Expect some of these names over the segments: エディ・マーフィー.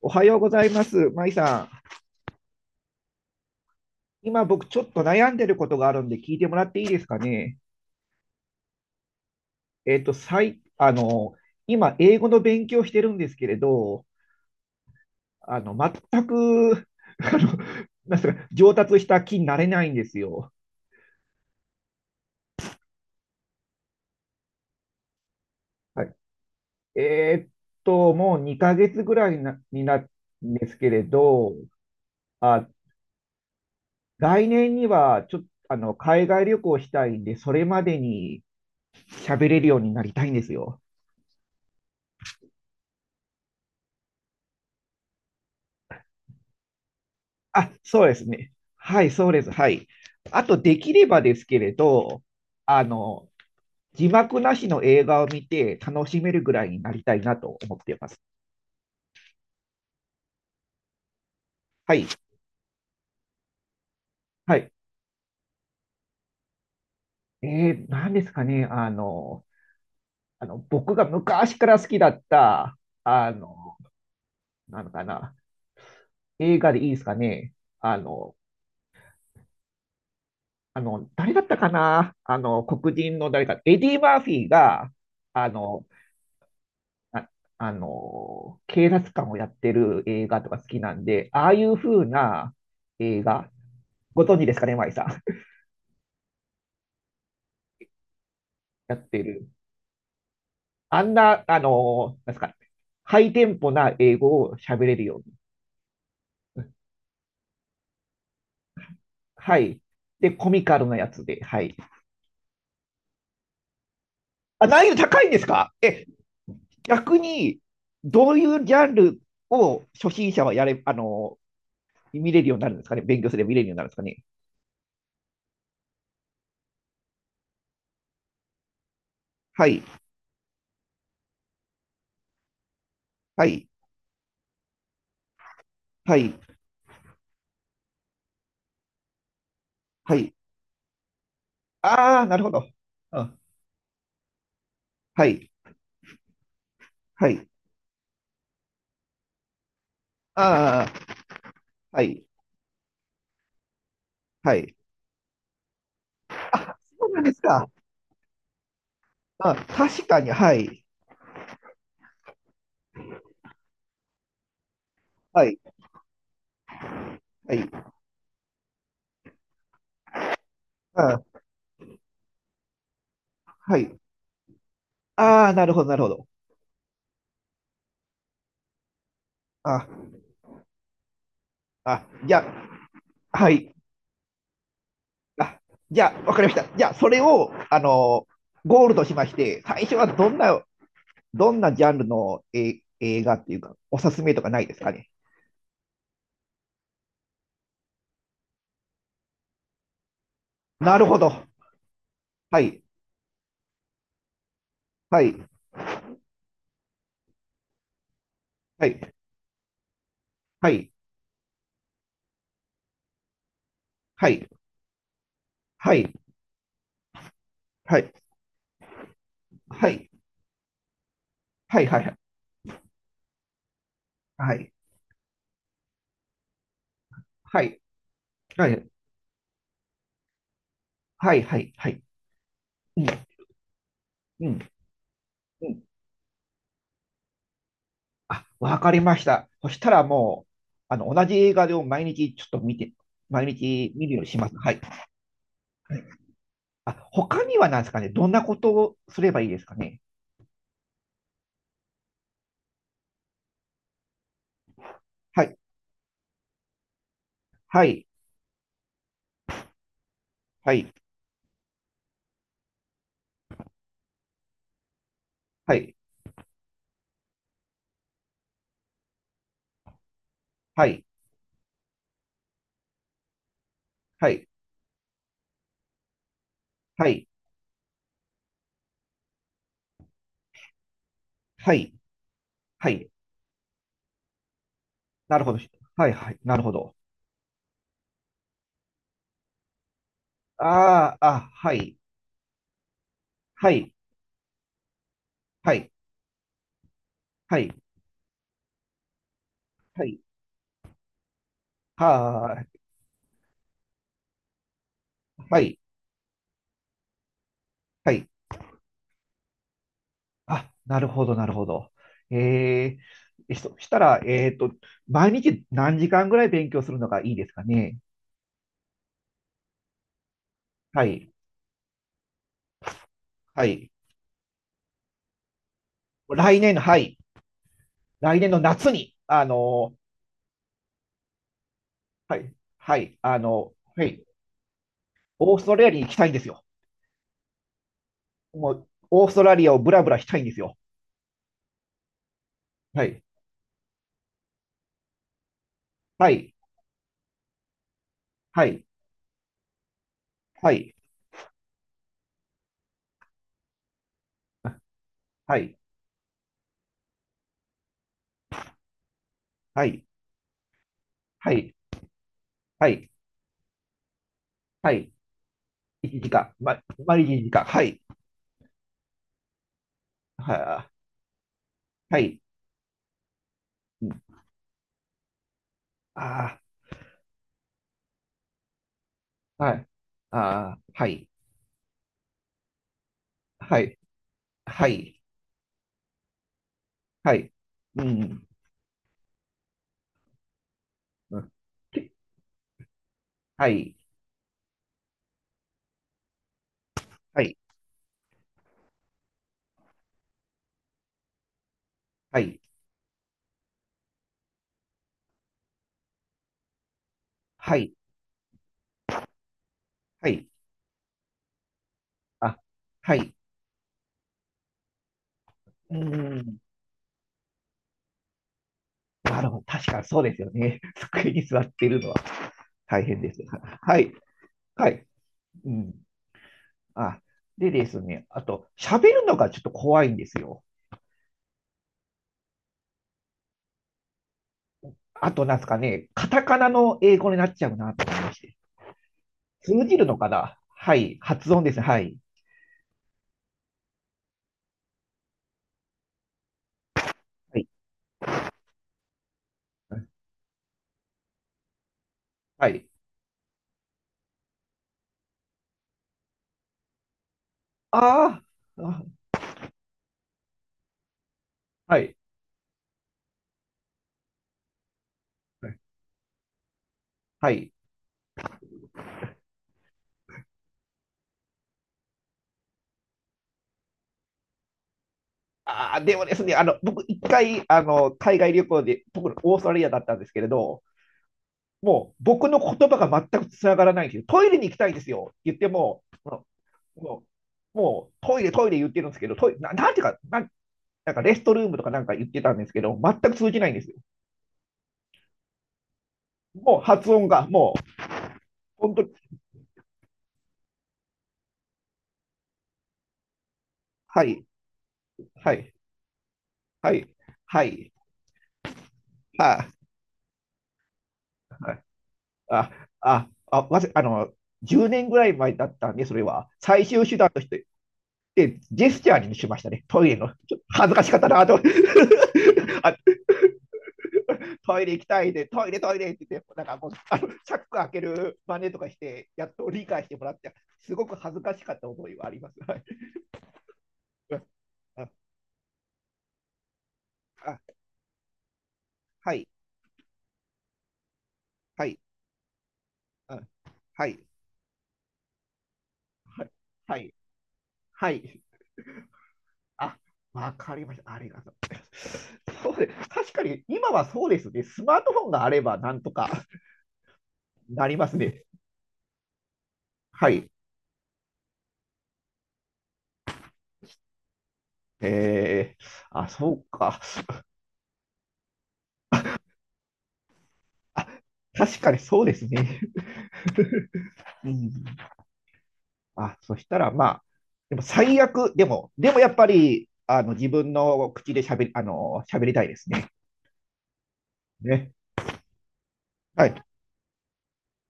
おはようございます。まいさん。今僕ちょっと悩んでることがあるんで聞いてもらっていいですかね？えっと、さい、あの、今英語の勉強してるんですけれど、あの、全く、あの、なんすか、上達した気になれないんですよ。はい。えーっもう2ヶ月ぐらいになるんですけれど、あ、来年にはちょっと、海外旅行したいんで、それまでに喋れるようになりたいんですよ。あ、そうですね。はい、そうです。はい。あと、できればですけれど、あの、字幕なしの映画を見て楽しめるぐらいになりたいなと思っています。はい。はい。何ですかね。僕が昔から好きだった、あの、なのかな。映画でいいですかね。あの、誰だったかな。黒人の誰か、エディ・マーフィーが、あの、あ、警察官をやってる映画とか好きなんで、ああいう風な映画、ご存知ですかね、マイさん。やってる。あんな、あの、なんですか、ハイテンポな英語を喋れるように。はい。で、コミカルなやつで、はい。あ、難易度高いんですかえ、逆に、どういうジャンルを初心者はやれ、あの、見れるようになるんですかね。勉強すれば見れるようになるんですかね？はい、はい、はい、はい。ああ、なるほど。うん。はい、はい。うん。あ、わかりました。そしたらもう、同じ映画を毎日ちょっと見て、毎日見るようにします。はい。あ、他には何ですかね。どんなことをすればいいですかね？はい。はい。はい。はい。はい。はい。はい。はい。はい。なるほど。はい。はい。なるほど。あーあ、はい。はい。はい。はい。はい。はーい。はい。はい。あ、なるほど、なるほど。えそしたら、毎日何時間ぐらい勉強するのがいいですかね？はい、はい。来年の、はい、来年の夏に、はい、はい、はい、オーストラリアに行きたいんですよ。もう、オーストラリアをブラブラしたいんですよ。はい、はい、はい、はい、はい、はい、はい、はい、はい、1時間、ま、毎日1時間、はい、はあ、はい、あー、はい、あー、はい。はい、はい、はい、うん、うんけ、はい、はい、はい、はい、はい、あ、はい、うん、なるほど、確かにそうですよね。机に座っているのは大変です。はい、はい、うん、あ、で、ですね、あと、喋るのがちょっと怖いんですよ。あと、なんですかね、カタカナの英語になっちゃうなと思いまして。通じるのかな。はい、発音ですね。はい、はい、はい。あーあ、はい、はい。あ、でもですね、僕、一回海外旅行で、僕、オーストラリアだったんですけれど、もう僕の言葉が全くつながらないんですよ。トイレに行きたいんですよって言っても、ももうトイレ、トイレ言ってるんですけど、トイレな、なんていうか、なんかレストルームとかなんか言ってたんですけど、全く通じないんですよ。もう発音が、もう本当に、はい、はい、はい、はい、あ、あ、あ、あ、あ、わせあの、10年ぐらい前だったんで、それは。最終手段として、で、ジェスチャーにしましたね、トイレの。恥ずかしかったなと。 あ。トイレ行きたいで、トイレ、トイレって言って、なんかもう、チャック開ける真似とかして、やっと理解してもらって、すごく恥ずかしかった思いはあります。はい。ああ、はい、はい、あ、はい、はい、はい、はい。あ、わかりました。ありがとうございます。そうです、確かに、今はそうですね。スマートフォンがあれば、なんとかなりますね。はい。えー、あ、そうか。あ、確かにそうですね。うん。あ、そしたらまあ、でも最悪、でもやっぱり、自分の口で喋りたいですね。ね。はい。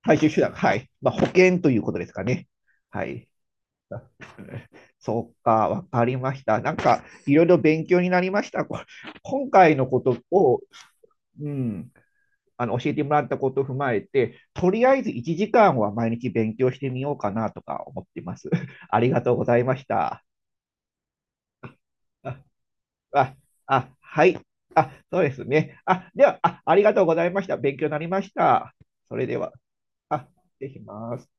最終手段。はい。まあ、保険ということですかね。はい。あ、そうか、わかりました。なんか、いろいろ勉強になりました。今回のことを。うん。教えてもらったことを踏まえて、とりあえず1時間は毎日勉強してみようかなとか思っています。ありがとうございました。あ、あ、あ、はい。あ、そうですね。あ、では、あ、ありがとうございました。勉強になりました。それでは、あ、失礼します。